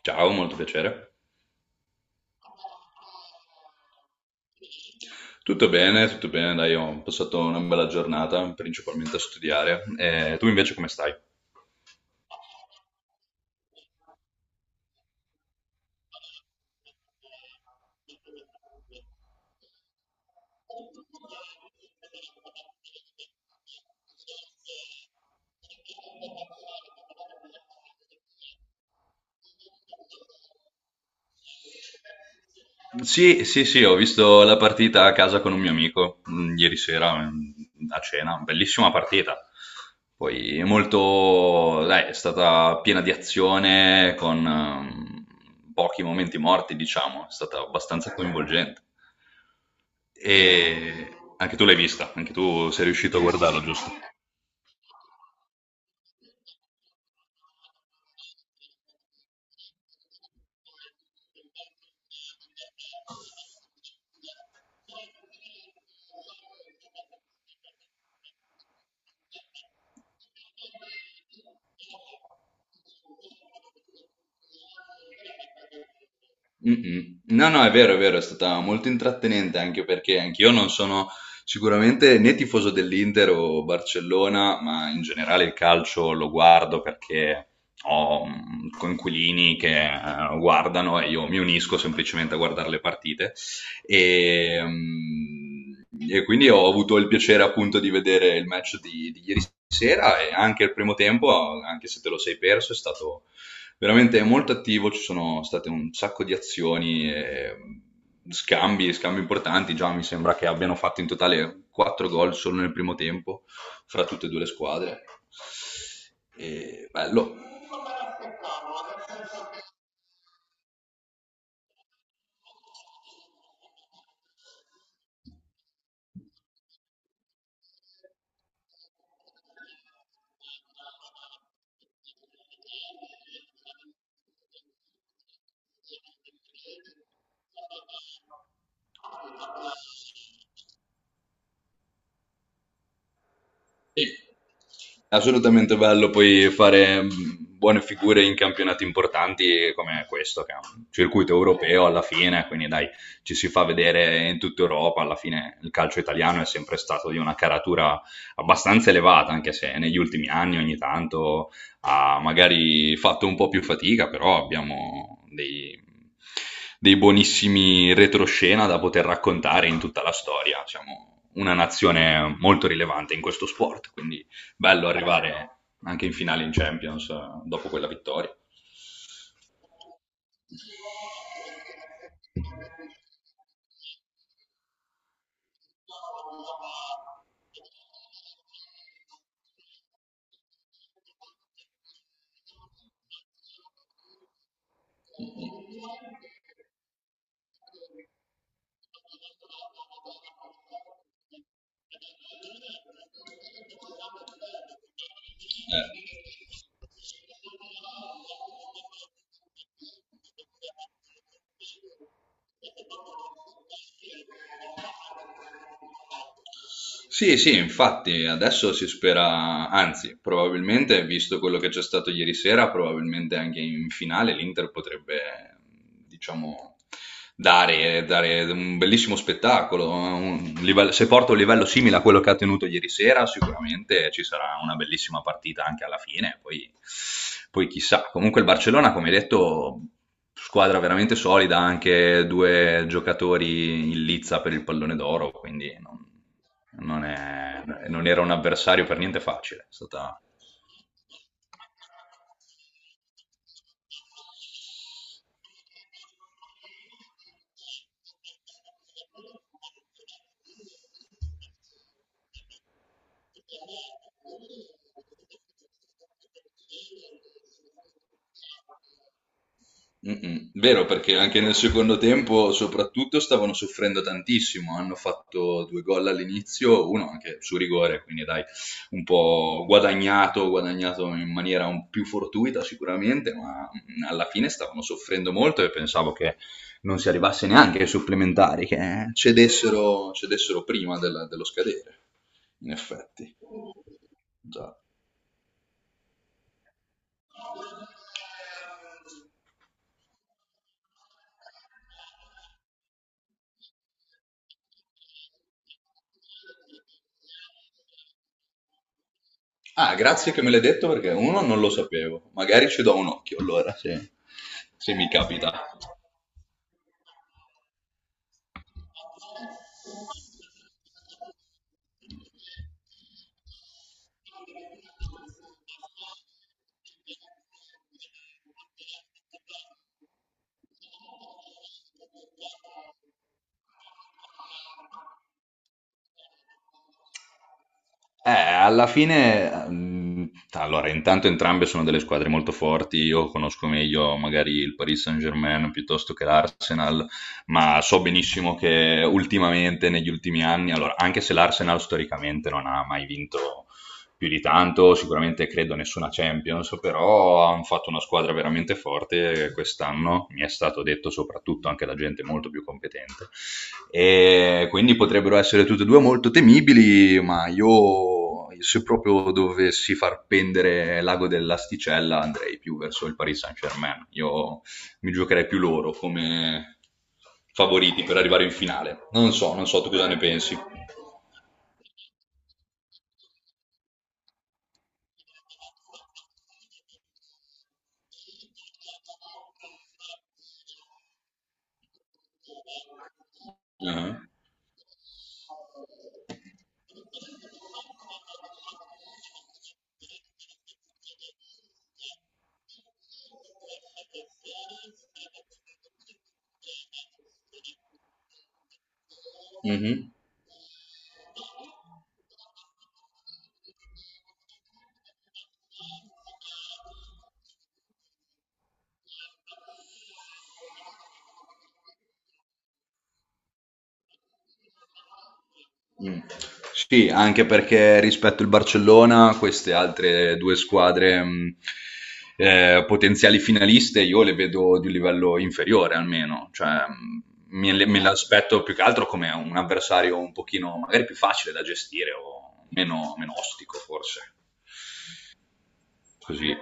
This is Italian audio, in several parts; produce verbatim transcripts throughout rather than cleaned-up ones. Ciao, molto piacere. Tutto bene, tutto bene, dai, ho passato una bella giornata, principalmente a studiare. E tu invece come stai? Sì, sì, sì, ho visto la partita a casa con un mio amico mm, ieri sera mm, a cena, bellissima partita. Poi è molto, dai, è stata piena di azione con ehm, pochi momenti morti, diciamo, è stata abbastanza coinvolgente. E anche tu l'hai vista, anche tu sei riuscito a guardarlo, giusto? Mm-mm. No, no, è vero, è vero, è stata molto intrattenente, anche perché anch'io non sono sicuramente né tifoso dell'Inter o Barcellona, ma in generale il calcio lo guardo perché ho mm, coinquilini che eh, guardano e io mi unisco semplicemente a guardare le partite. E, mm, e quindi ho avuto il piacere appunto di vedere il match di, di ieri sera e anche il primo tempo, anche se te lo sei perso. È stato veramente, è molto attivo, ci sono state un sacco di azioni e scambi, scambi importanti. Già mi sembra che abbiano fatto in totale quattro gol solo nel primo tempo fra tutte e due le squadre. E bello. Sì, assolutamente bello poi fare mh, buone figure in campionati importanti come questo, che è un circuito europeo alla fine, quindi dai, ci si fa vedere in tutta Europa. Alla fine il calcio italiano è sempre stato di una caratura abbastanza elevata, anche se negli ultimi anni ogni tanto ha magari fatto un po' più fatica, però abbiamo dei, dei buonissimi retroscena da poter raccontare in tutta la storia. Siamo una nazione molto rilevante in questo sport, quindi bello arrivare anche in finale in Champions, eh, dopo quella vittoria. Eh, Sì, sì, infatti adesso si spera, anzi, probabilmente, visto quello che c'è stato ieri sera, probabilmente anche in finale l'Inter potrebbe, diciamo, dare, dare un bellissimo spettacolo. Un livello- se porta un livello simile a quello che ha tenuto ieri sera, sicuramente ci sarà una bellissima partita anche alla fine, poi, poi chissà. Comunque il Barcellona, come hai detto, squadra veramente solida, anche due giocatori in lizza per il pallone d'oro, quindi... Non non, è- non era un avversario per niente facile. È stata... Mm-mm. Vero, perché anche nel secondo tempo, soprattutto, stavano soffrendo tantissimo. Hanno fatto due gol all'inizio, uno anche su rigore, quindi dai, un po' guadagnato, guadagnato in maniera un più fortuita sicuramente, ma mm, alla fine stavano soffrendo molto e pensavo che non si arrivasse neanche ai supplementari, che cedessero, cedessero prima della- dello scadere, in effetti. Già. Ah, grazie che me l'hai detto, perché uno non lo sapevo. Magari ci do un occhio allora, se, se mi capita. Eh, alla fine, mm, allora, intanto entrambe sono delle squadre molto forti. Io conosco meglio magari il Paris Saint-Germain piuttosto che l'Arsenal, ma so benissimo che ultimamente, negli ultimi anni, allora, anche se l'Arsenal storicamente non ha mai vinto più di tanto, sicuramente credo nessuna Champions, però hanno fatto una squadra veramente forte quest'anno, mi è stato detto, soprattutto anche da gente molto più competente, e quindi potrebbero essere tutte e due molto temibili, ma io, se proprio dovessi far pendere l'ago dell'asticella, andrei più verso il Paris Saint-Germain. Io mi giocherei più loro come favoriti per arrivare in finale. Non so, non so tu cosa ne pensi. Ah. Mhm. Mm. Sì, anche perché rispetto al Barcellona, queste altre due squadre mh, eh, potenziali finaliste, io le vedo di un livello inferiore almeno, cioè, mh, me, le- me l'aspetto più che altro come un avversario un pochino magari più facile da gestire o meno, meno ostico forse, così.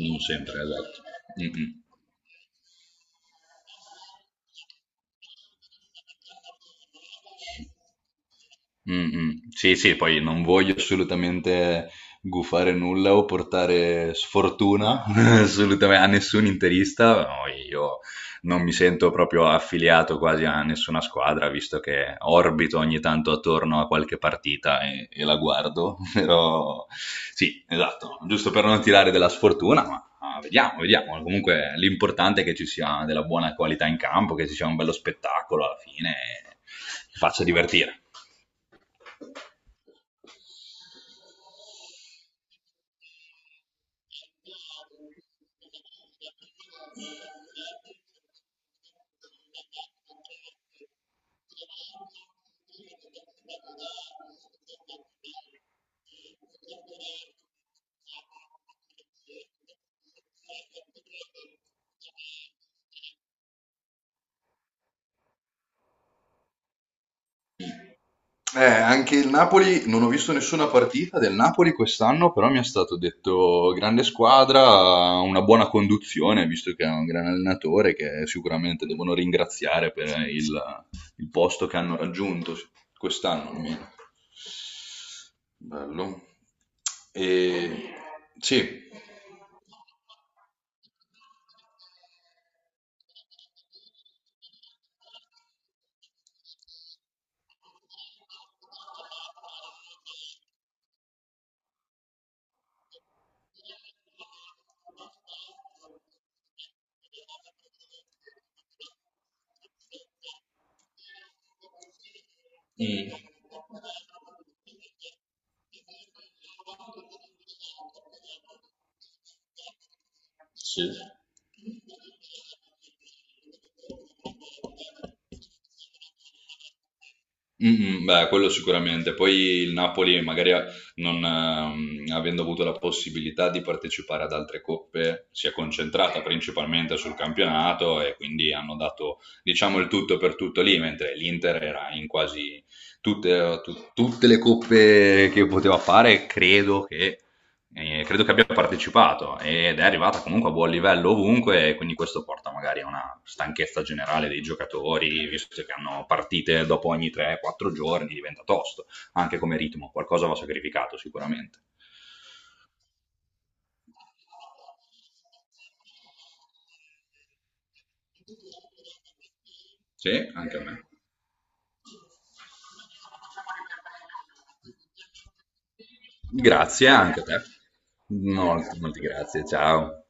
Non sempre, esatto. Mm-mm. Mm, mm. Sì, sì, poi non voglio assolutamente gufare nulla o portare sfortuna assolutamente a nessun interista. No, io non mi sento proprio affiliato quasi a nessuna squadra, visto che orbito ogni tanto attorno a qualche partita e, e la guardo. Però sì, esatto, giusto per non tirare della sfortuna, ma ah, vediamo, vediamo. Comunque l'importante è che ci sia della buona qualità in campo, che ci sia un bello spettacolo alla fine e che faccia divertire. Eh, anche il Napoli, non ho visto nessuna partita del Napoli quest'anno, però mi è stato detto grande squadra, una buona conduzione, visto che è un gran allenatore che sicuramente devono ringraziare per il, il posto che hanno raggiunto quest'anno almeno. Bello. E... Sì. Mm, sì. Mm, mm, beh, quello sicuramente. Poi il Napoli, magari a- non, ehm, avendo avuto la possibilità di partecipare ad altre coppe, si è concentrata principalmente sul campionato e quindi hanno dato, diciamo, il tutto per tutto lì, mentre l'Inter era in quasi tutte, eh, tu- tutte le coppe che poteva fare. Credo che eh, credo che abbia partecipato ed è arrivata comunque a buon livello ovunque, e quindi questo porta magari a una stanchezza generale dei giocatori, visto che hanno partite dopo ogni tre quattro giorni, diventa tosto, anche come ritmo. Qualcosa va sacrificato sicuramente. Sì, anche a me. Grazie anche a te. Molto, molti grazie, ciao.